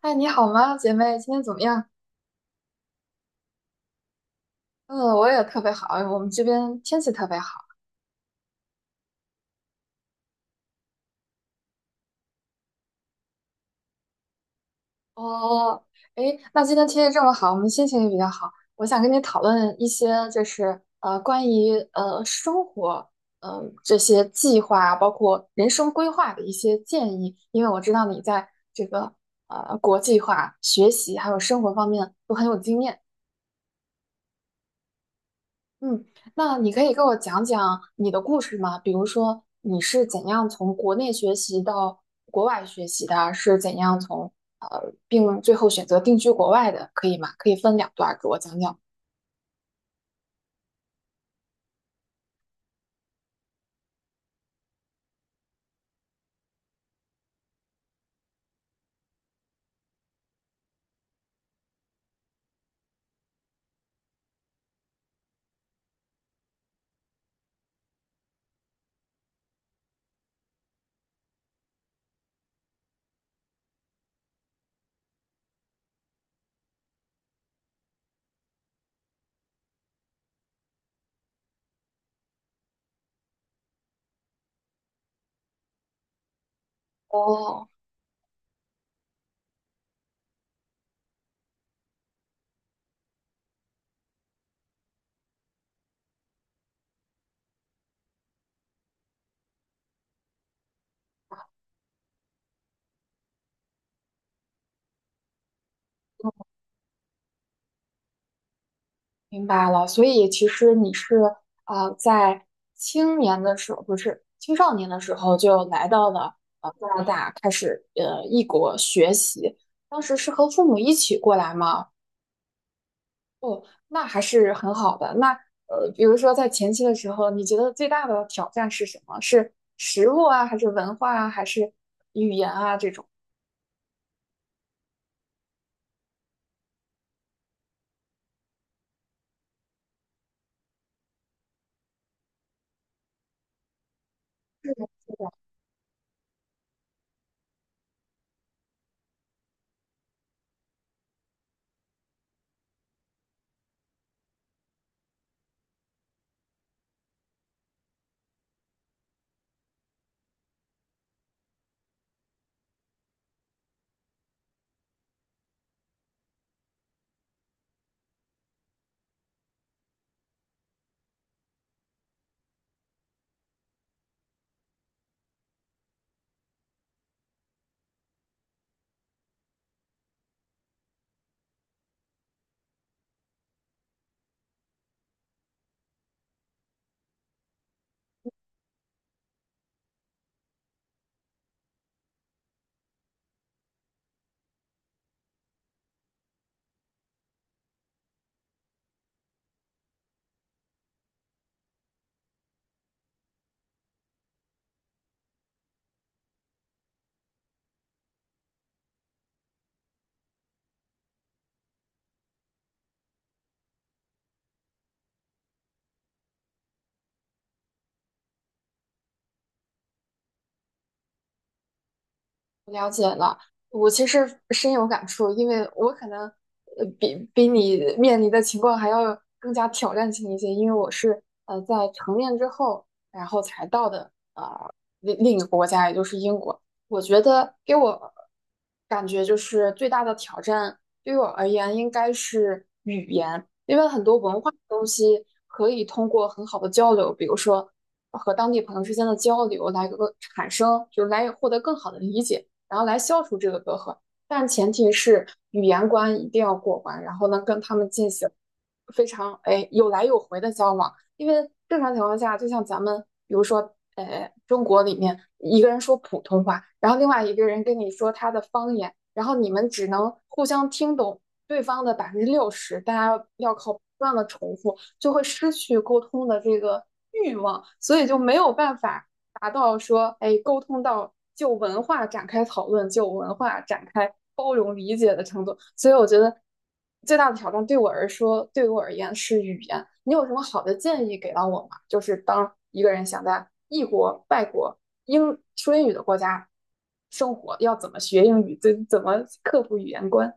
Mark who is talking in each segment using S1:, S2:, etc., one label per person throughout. S1: 嗨，你好吗，姐妹？今天怎么样？嗯，我也特别好。我们这边天气特别好。哦，诶，那今天天气这么好，我们心情也比较好。我想跟你讨论一些，就是关于生活，嗯、这些计划啊，包括人生规划的一些建议。因为我知道你在这个国际化、学习还有生活方面都很有经验。嗯，那你可以给我讲讲你的故事吗？比如说你是怎样从国内学习到国外学习的，是怎样从并最后选择定居国外的，可以吗？可以分两段儿给我讲讲。哦，明白了。所以其实你是在青年的时候，不是青少年的时候就来到了异国学习，当时是和父母一起过来吗？哦，那还是很好的。那比如说在前期的时候，你觉得最大的挑战是什么？是食物啊，还是文化啊，还是了解了，我其实深有感触，因为我可能比你面临的情况还要更加挑战性一些，因为我是在成年之后，然后才到的另一个国家，也就是英国。我觉得给我感觉就是最大的挑战，对于我而言应该是语言，因为很多文化的东西可以通过很好的交流，比如说和当地朋友之间的交流来个产生，就是来获得更好的理解。然后来消除这个隔阂。但前提是语言关一定要过关，然后呢跟他们进行非常有来有回的交往，因为正常情况下，就像咱们比如说中国里面一个人说普通话，然后另外一个人跟你说他的方言，然后你们只能互相听懂对方的60%，大家要靠不断的重复，就会失去沟通的这个欲望，所以就没有办法达到说，哎，沟通到就文化展开讨论，就文化展开包容理解的程度。所以我觉得最大的挑战对我而说，对我而言是语言。你有什么好的建议给到我吗？就是当一个人想在异国、外国、英说英语的国家生活，要怎么学英语，怎么克服语言关？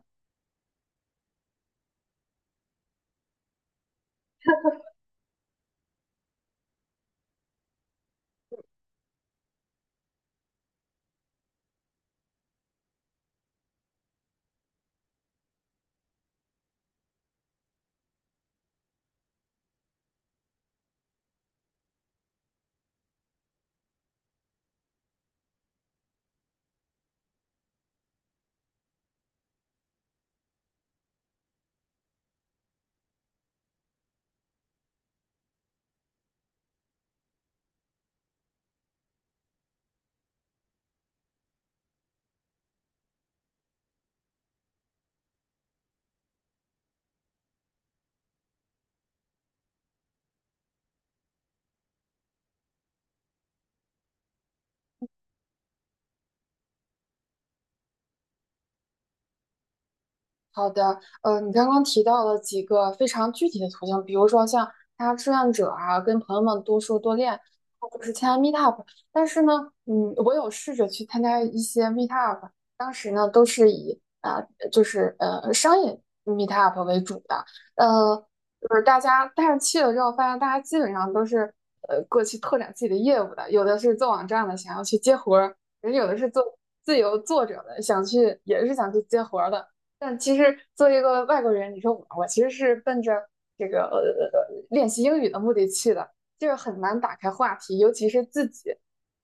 S1: 好的，你刚刚提到了几个非常具体的途径，比如说像参加志愿者啊，跟朋友们多说多练，或者是参加 meetup。但是呢，嗯，我有试着去参加一些 meetup，当时呢都是以就是商业 meetup 为主的，呃，就是大家，但是去了之后发现大家基本上都是过去拓展自己的业务的，有的是做网站的，想要去接活儿，人有的是做自由作者的，想去也是想去接活儿的。但其实作为一个外国人，你说我，我其实是奔着这个练习英语的目的去的，就是很难打开话题，尤其是自己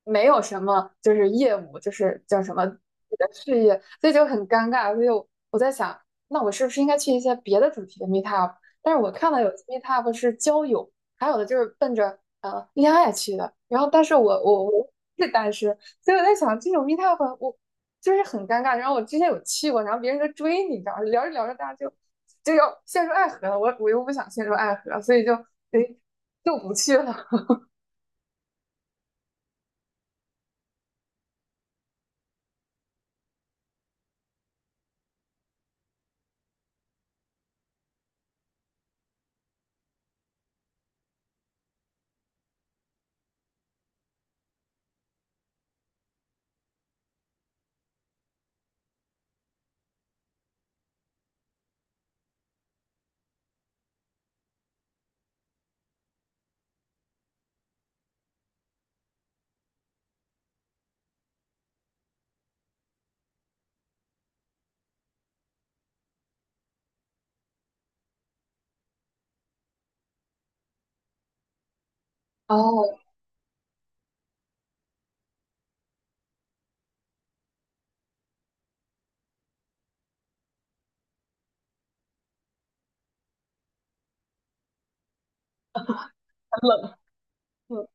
S1: 没有什么就是业务，就是叫什么事业，所以就很尴尬。所以我在想，那我是不是应该去一些别的主题的 meetup？但是我看到有 meetup 是交友，还有的就是奔着恋爱去的。然后，但是我是单身，所以我在想，这种 meetup 我就是很尴尬。然后我之前有去过，然后别人就追你，你知道吗，聊着聊着大家就就要陷入爱河了。我又不想陷入爱河，所以就哎就不去了。哦，很冷。嗯，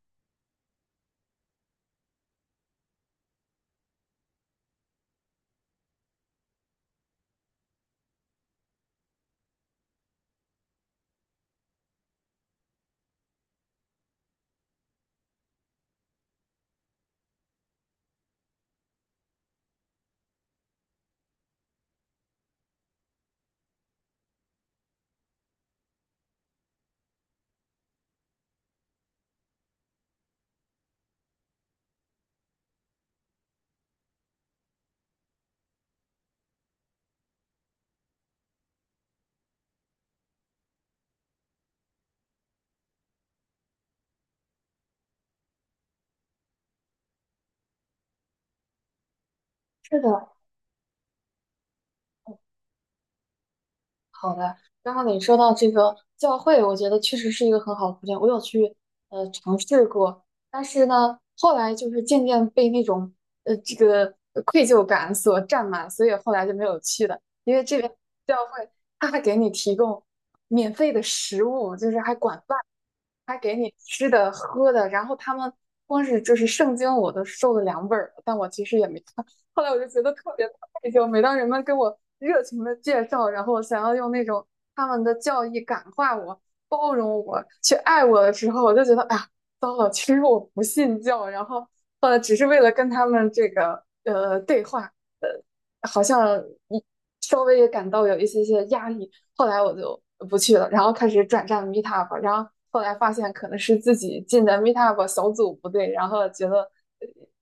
S1: 是的，好的，刚刚你说到这个教会，我觉得确实是一个很好的途径。我有去尝试过，但是呢，后来就是渐渐被那种呃这个愧疚感所占满，所以后来就没有去了。因为这边教会他还给你提供免费的食物，就是还管饭，还给你吃的喝的。然后他们光是就是圣经我都受了两本儿了但我其实也没看。后来我就觉得特别。退休，每当人们跟我热情的介绍，然后想要用那种他们的教义感化我、包容我、去爱我的时候，我就觉得，哎呀，糟了，其实我不信教，然后只是为了跟他们这个对话，好像一稍微也感到有一些些压力，后来我就不去了，然后开始转战 Meetup，然后后来发现可能是自己进的 Meetup 小组不对，然后觉得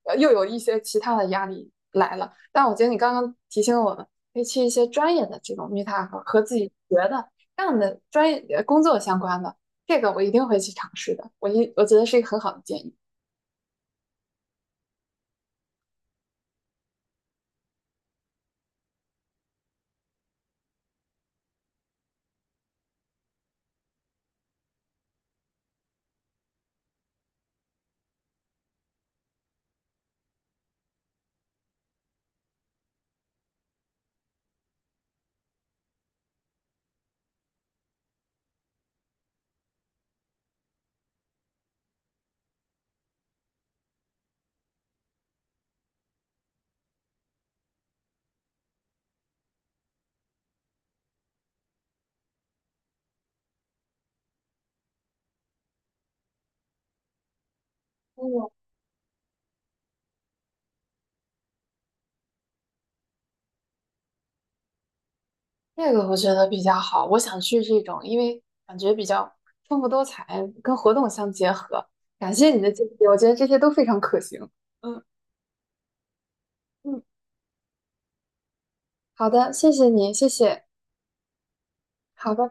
S1: 又有一些其他的压力来了。但我觉得你刚刚提醒我们，可以去一些专业的这种 Meetup 和自己学的干的专业工作相关的，这个我一定会去尝试的。我觉得是一个很好的建议。嗯，这个我觉得比较好，我想去这种，因为感觉比较丰富多彩，跟活动相结合。感谢你的建议，我觉得这些都非常可行。嗯嗯，好的，谢谢你，谢谢，好的。